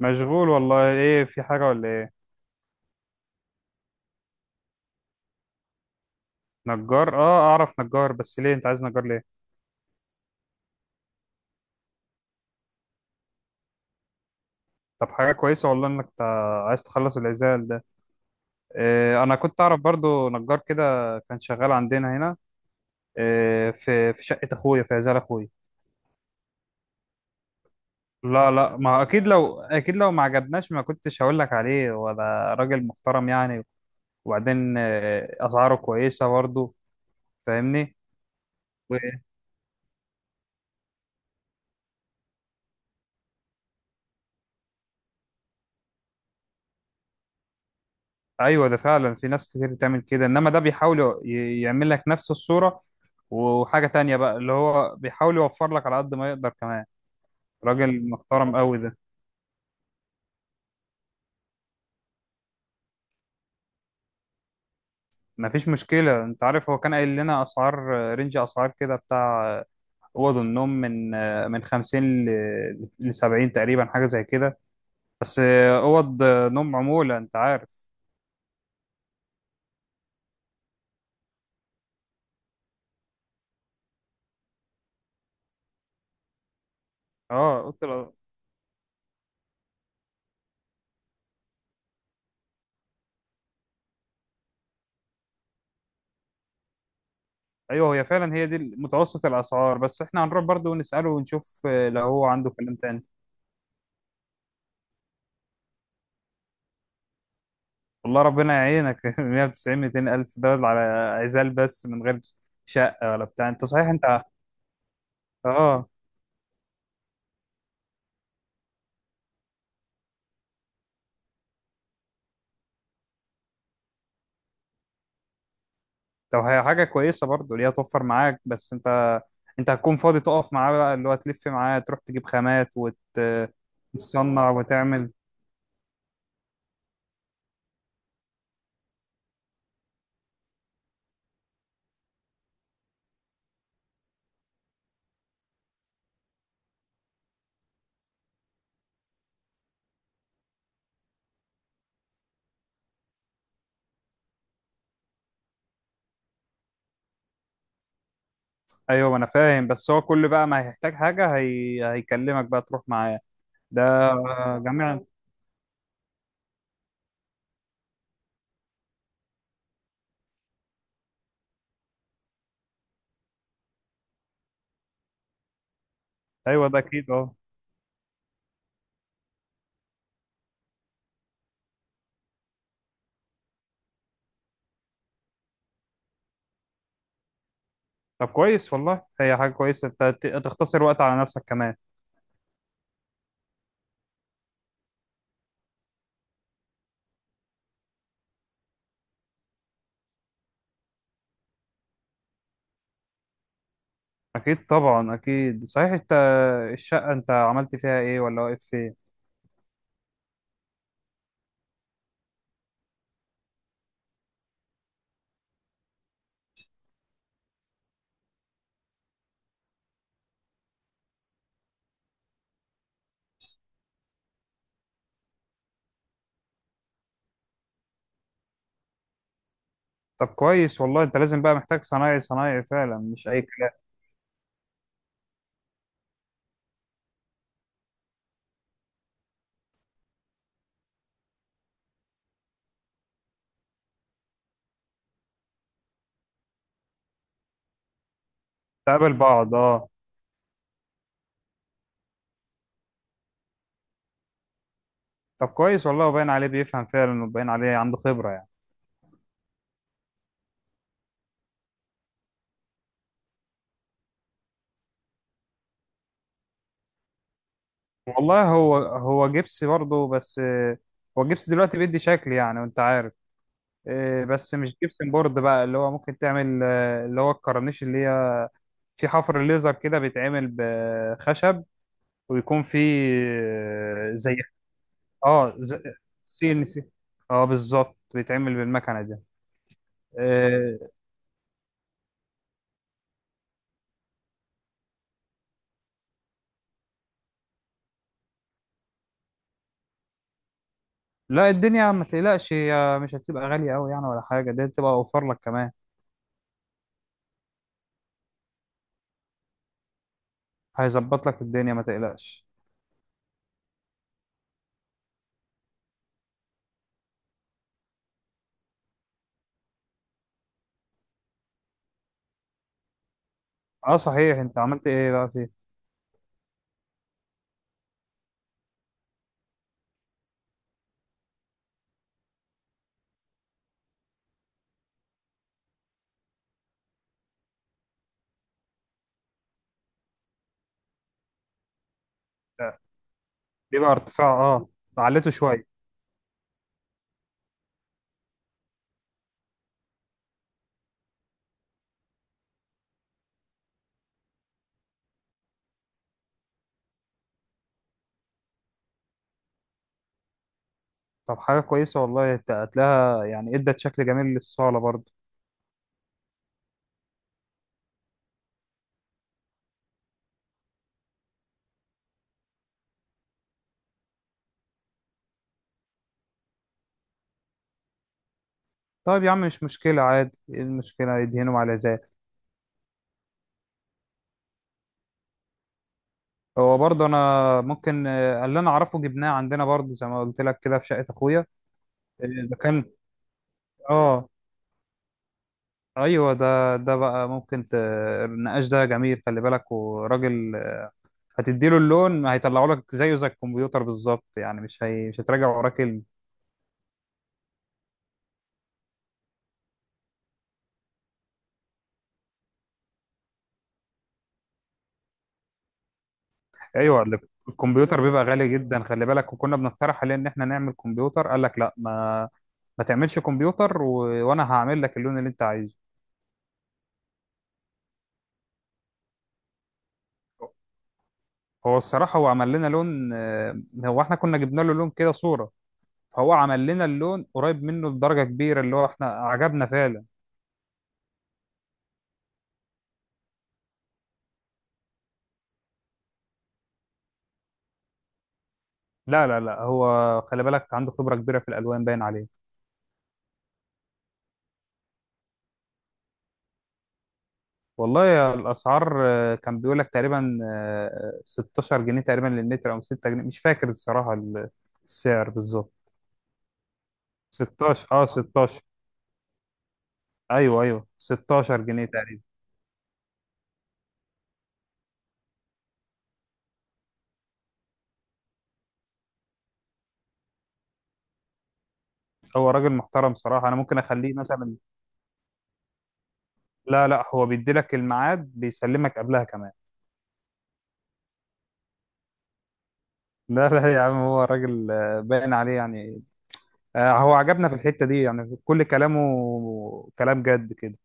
مشغول والله، ايه؟ في حاجة ولا ايه؟ نجار؟ اه، اعرف نجار، بس ليه انت عايز نجار؟ ليه؟ طب حاجة كويسة والله انك عايز تخلص العزال ده. إيه، انا كنت اعرف برضو نجار كده، كان شغال عندنا هنا. إيه، في شقة اخويا، في عزال اخويا. لا لا، ما اكيد لو ما عجبناش ما كنتش هقول لك عليه، وده راجل محترم يعني. وبعدين اسعاره كويسة برضو. فاهمني؟ ايوه، ده فعلا في ناس كتير بتعمل كده، انما ده بيحاول يعمل لك نفس الصورة. وحاجة تانية بقى، اللي هو بيحاول يوفر لك على قد ما يقدر كمان. راجل محترم قوي ده. مفيش مشكلة، انت عارف هو كان قايل لنا اسعار، رينج اسعار كده، بتاع اوض النوم، من 50 ل 70 تقريبا، حاجة زي كده. بس اوض نوم عمولة، انت عارف. اه، قلت له. ايوه، هي فعلا هي دي متوسط الاسعار، بس احنا هنروح برضو نسأله ونشوف لو هو عنده كلام تاني. والله ربنا يعينك. 190 200 الف دول على عزال بس، من غير شقه ولا بتاع؟ انت صحيح انت؟ اه. طب هي حاجه كويسه برضه، اللي هي توفر معاك، بس انت انت هتكون فاضي تقف معاه بقى؟ اللي هو تلف معاه تروح تجيب خامات وتصنع وتعمل. ايوه، ما انا فاهم، بس هو كل بقى ما هيحتاج حاجه هيكلمك بقى تروح معاه. ده جميعا. ايوه، ده اكيد، اه. طب كويس والله، هي حاجه كويسه، انت تختصر وقت على نفسك كمان. اكيد طبعا، اكيد. صحيح انت، الشقه انت عملت فيها ايه؟ ولا واقف فين؟ طب كويس والله، انت لازم بقى محتاج صنايعي، صنايعي فعلا مش اي كلام. تقابل بعض، اه. طب كويس والله، وباين عليه بيفهم فعلا، وباين عليه عنده خبره يعني. والله، هو هو جبس برضه، بس هو جبس دلوقتي بيدي شكل يعني، وانت عارف. بس مش جبسن بورد بقى، اللي هو ممكن تعمل اللي هو الكرنيش اللي هي في حفر ليزر كده، بيتعمل بخشب ويكون فيه. زي. اه، سي ان سي. اه، بالظبط، بيتعمل بالمكنه دي. آه. لا، الدنيا ما تقلقش، هي مش هتبقى غاليه قوي يعني ولا حاجه، دي هتبقى اوفر لك كمان. هيظبط لك الدنيا، ما تقلقش. اه صحيح، انت عملت ايه بقى فيه؟ آه، بيبقى ارتفاع، اه. عليته شويه. طب حاجه كويسه والله، هتلاقيها يعني ادت شكل جميل للصاله برضه. طيب يا عم، مش مشكله، عادي، ايه المشكله؟ يدهنوا على ذلك. هو برضه انا ممكن، اللي انا اعرفه جبناه عندنا برضه، زي ما قلت لك كده في شقه اخويا. ده كان، اه. ايوه، ده بقى ممكن النقاش ده جميل، خلي بالك، وراجل هتديله اللون هيطلعه لك زيه، زي الكمبيوتر بالظبط يعني، مش مش هتراجع وراه كلمه. ايوه، الكمبيوتر بيبقى غالي جدا، خلي بالك. وكنا بنقترح عليه ان احنا نعمل كمبيوتر، قال لك لا، ما تعملش كمبيوتر وانا هعمل لك اللون اللي انت عايزه. هو الصراحه هو عمل لنا لون، هو احنا كنا جبنا له لون كده، صوره، فهو عمل لنا اللون قريب منه بدرجه كبيره، اللي هو احنا عجبنا فعلا. لا لا لا، هو خلي بالك عنده خبرة كبيرة في الألوان، باين عليه. والله يا، الأسعار كان بيقول لك تقريبا 16 جنيه تقريبا للمتر، أو 6 جنيه، مش فاكر الصراحة، السعر بالظبط. 16، اه، 16. ايوه ايوه، 16 جنيه تقريبا. هو راجل محترم صراحة، أنا ممكن أخليه مثلا. لا لا، هو بيدي لك الميعاد، بيسلمك قبلها كمان. لا لا يا عم، هو راجل، باين عليه يعني. هو عجبنا في الحتة دي يعني، كل كلامه كلام جد كده.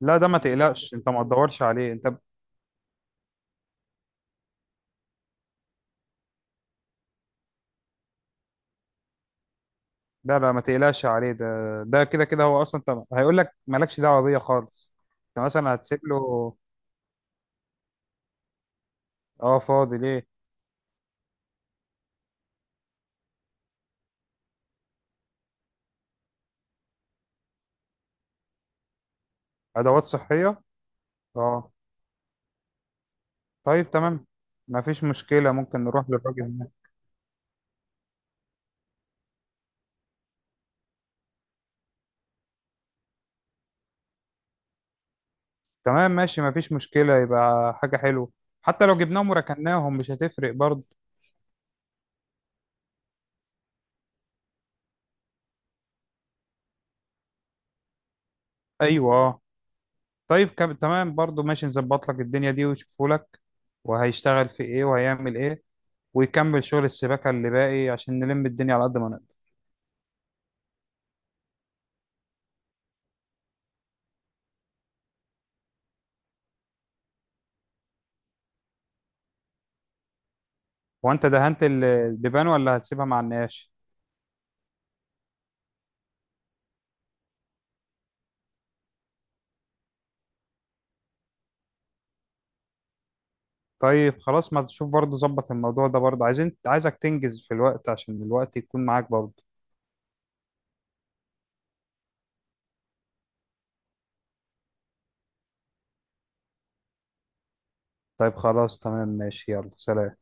لا، ده ما تقلقش انت، ما تدورش عليه انت. لا لا، ما تقلقش عليه ده، ده كده كده هو اصلا، انت هيقول لك مالكش دعوه بيا خالص، انت مثلا هتسيب له. اه، فاضي، ليه؟ ادوات صحيه. اه. طيب تمام، ما فيش مشكله، ممكن نروح للراجل هناك. تمام ماشي، ما فيش مشكله، يبقى حاجه حلوه، حتى لو جبناهم وركناهم مش هتفرق برضه. ايوه، اه. طيب تمام برضه، ماشي. نظبط لك الدنيا دي ويشوفوا لك وهيشتغل في ايه وهيعمل ايه، ويكمل شغل السباكه اللي باقي عشان نلم الدنيا على قد ما نقدر. هو انت دهنت البيبان ولا هتسيبها مع النقاش؟ طيب خلاص، ما تشوف برضه، ظبط الموضوع ده برضه، عايزين، عايزك تنجز في الوقت عشان الوقت يكون معاك برضه. طيب خلاص، تمام، ماشي، يلا سلام.